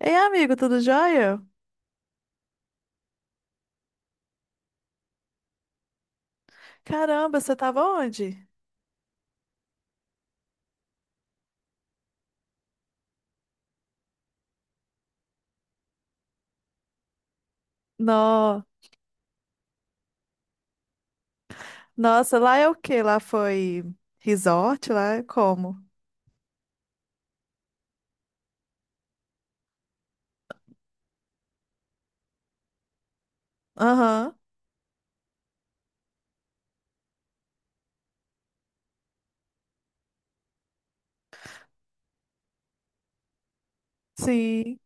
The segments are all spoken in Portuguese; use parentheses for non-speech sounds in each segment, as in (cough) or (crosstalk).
Ei, amigo, tudo jóia? Caramba, você tava onde? No... Nossa, lá é o quê? Lá foi resort? Lá é como? Aham, sim.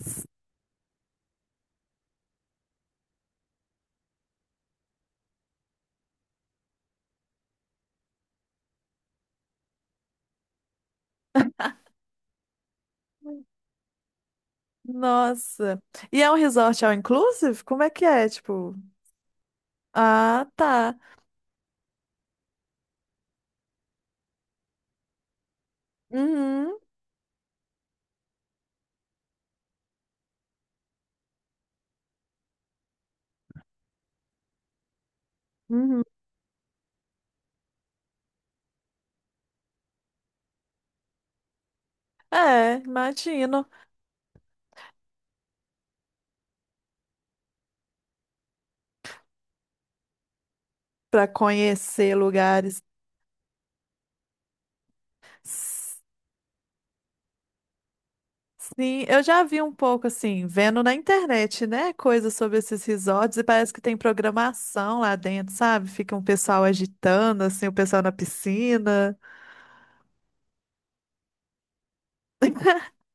S- Nossa. E é um resort all inclusive? Como é que é, tipo? Ah, tá. Uhum, uhum. É, imagino. Pra conhecer lugares. Sim, eu já vi um pouco assim, vendo na internet, né? Coisas sobre esses resorts e parece que tem programação lá dentro, sabe? Fica um pessoal agitando, assim, o pessoal na piscina. (laughs)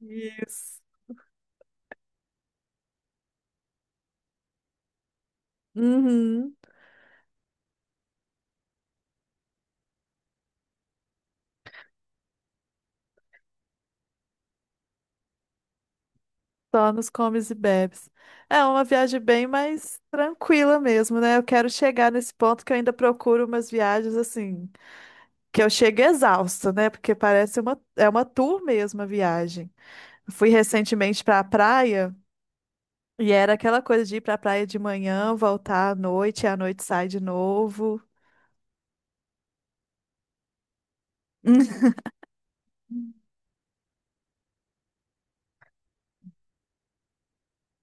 Isso. Uhum. Só nos comes e bebes. É uma viagem bem mais tranquila mesmo, né? Eu quero chegar nesse ponto que eu ainda procuro umas viagens assim, que eu chego exausta, né? Porque parece uma, é uma tour mesmo a viagem. Eu fui recentemente para a praia. E era aquela coisa de ir pra praia de manhã, voltar à noite, e à noite sai de novo. (laughs)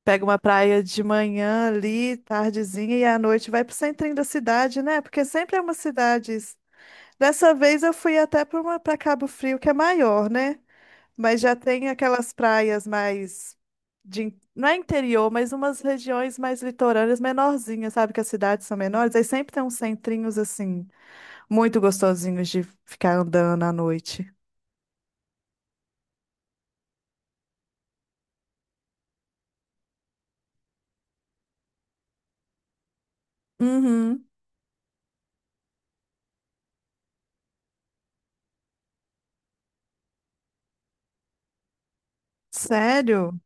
Pega uma praia de manhã ali, tardezinha, e à noite vai pro centrinho da cidade, né? Porque sempre é uma cidade. Dessa vez eu fui até pra uma, para Cabo Frio, que é maior, né? Mas já tem aquelas praias mais de, in- não é interior, mas umas regiões mais litorâneas, menorzinhas, sabe? Que as cidades são menores, aí sempre tem uns centrinhos assim, muito gostosinhos de ficar andando à noite. Uhum. Sério?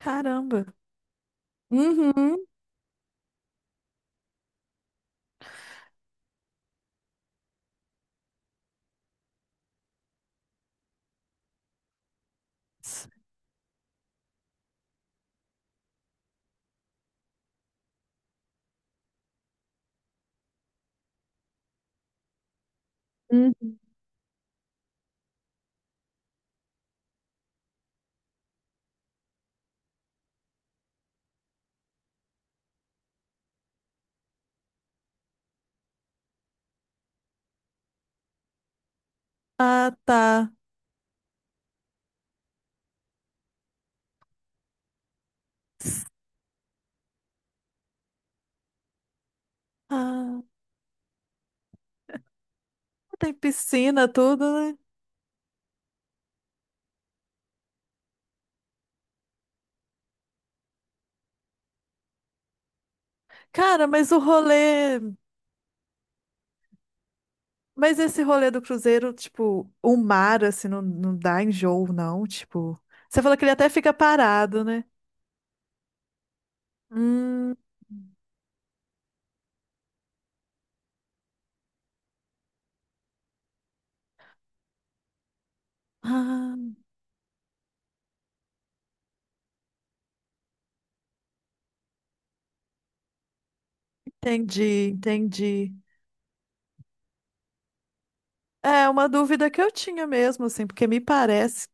Caramba. Uhum. Uhum. Ah, tá. Ah, tem piscina, tudo, né? Cara, mas o rolê. Mas esse rolê do cruzeiro, tipo, o mar, assim, não, não dá enjoo, não. Tipo, você falou que ele até fica parado, né? Hum, ah, entendi, entendi. É uma dúvida que eu tinha mesmo, assim, porque me parece.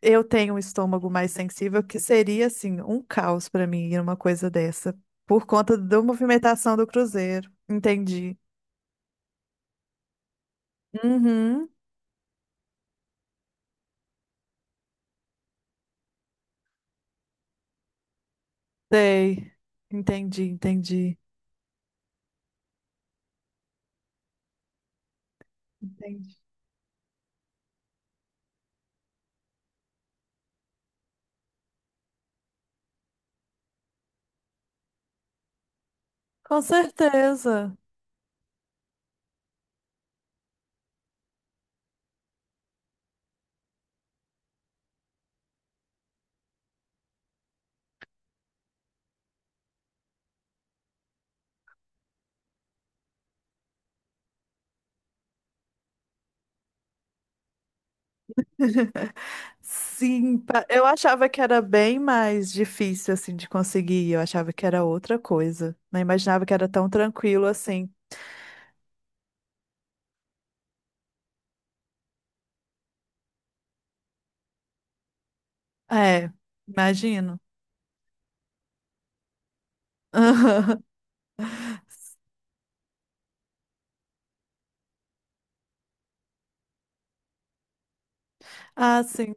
Eu tenho um estômago mais sensível, que seria, assim, um caos pra mim ir uma coisa dessa, por conta da movimentação do cruzeiro. Entendi. Uhum, sei. Entendi, entendi. Entendi. Com certeza. (laughs) Sim, pa- eu achava que era bem mais difícil, assim, de conseguir. Eu achava que era outra coisa. Não imaginava que era tão tranquilo assim. É, imagino. (laughs) Ah, sim.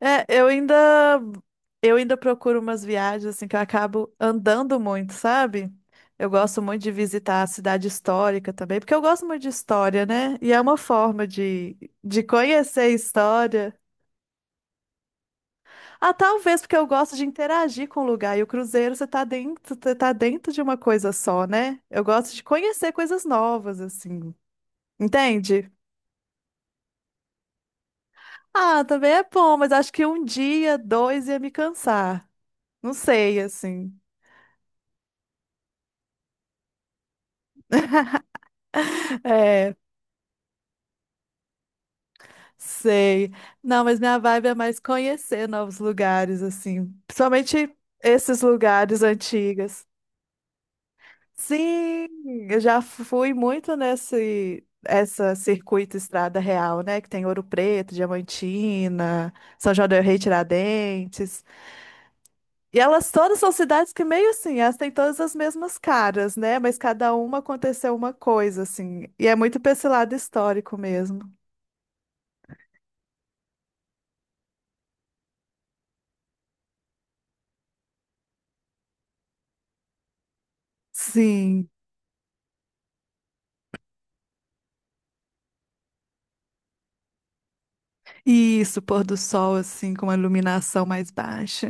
É, eu ainda procuro umas viagens assim que eu acabo andando muito, sabe? Eu gosto muito de visitar a cidade histórica também, porque eu gosto muito de história, né? E é uma forma de conhecer a história. Ah, talvez porque eu gosto de interagir com o lugar. E o cruzeiro você tá dentro de uma coisa só, né? Eu gosto de conhecer coisas novas, assim. Entende? Ah, também é bom, mas acho que um dia, dois ia me cansar. Não sei, assim. É. Sei. Não, mas minha vibe é mais conhecer novos lugares, assim. Principalmente esses lugares antigos. Sim, eu já fui muito nesse essa circuito Estrada Real, né? Que tem Ouro Preto, Diamantina, São João del Rei, Tiradentes. E elas todas são cidades que meio assim, elas têm todas as mesmas caras, né? Mas cada uma aconteceu uma coisa, assim. E é muito pra esse lado histórico mesmo. Sim. Isso, pôr do sol, assim, com uma iluminação mais baixa.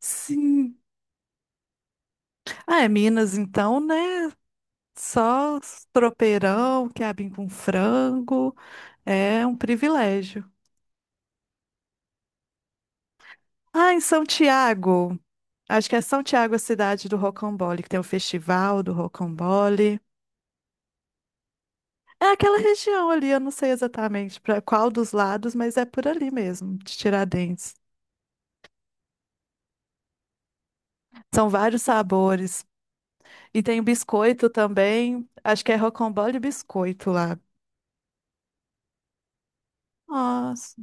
Sim. Ah, é Minas, então, né? Só tropeirão, quiabinho com frango. É um privilégio. Ah, em São Tiago. Acho que é São Tiago a cidade do Rocambole, que tem o festival do Rocambole. É aquela região ali, eu não sei exatamente para qual dos lados, mas é por ali mesmo, de Tiradentes. São vários sabores. E tem biscoito também. Acho que é rocambole e biscoito lá. Nossa,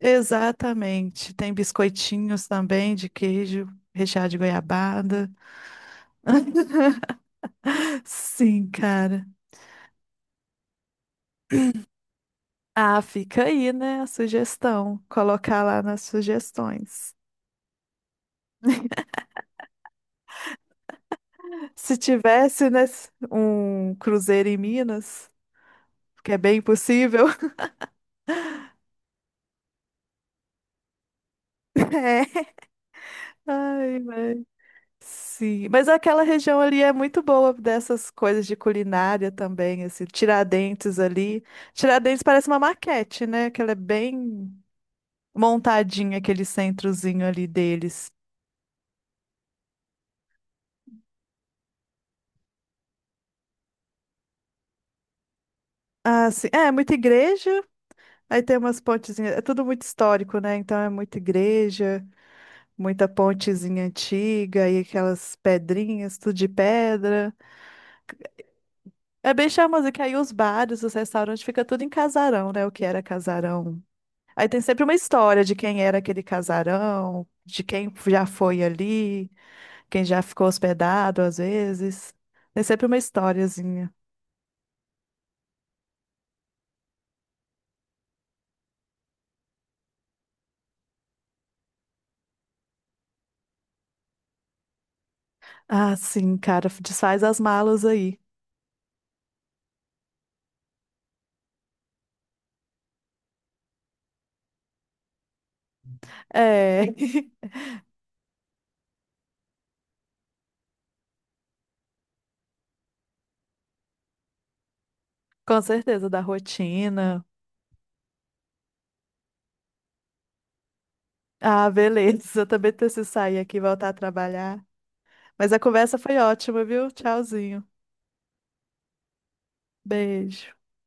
exatamente. Tem biscoitinhos também de queijo, recheado de goiabada. Sim, cara. Ah, fica aí, né, a sugestão. Colocar lá nas sugestões. Se tivesse, né, um cruzeiro em Minas, que é bem possível. (laughs) É. Ai, mas... Sim, mas aquela região ali é muito boa dessas coisas de culinária também, assim, Tiradentes ali. Tiradentes parece uma maquete, né? Que ela é bem montadinho aquele centrozinho ali deles. Ah, sim. É, muita igreja, aí tem umas pontezinhas. É tudo muito histórico, né? Então é muita igreja, muita pontezinha antiga e aquelas pedrinhas, tudo de pedra. É bem charmoso, que aí os bares, os restaurantes, fica tudo em casarão, né? O que era casarão. Aí tem sempre uma história de quem era aquele casarão, de quem já foi ali, quem já ficou hospedado às vezes. Tem sempre uma historiazinha. Ah, sim, cara, desfaz as malas aí. É, (laughs) com certeza, da rotina. Ah, beleza, (laughs) eu também preciso sair aqui e voltar a trabalhar. Mas a conversa foi ótima, viu? Tchauzinho. Beijo.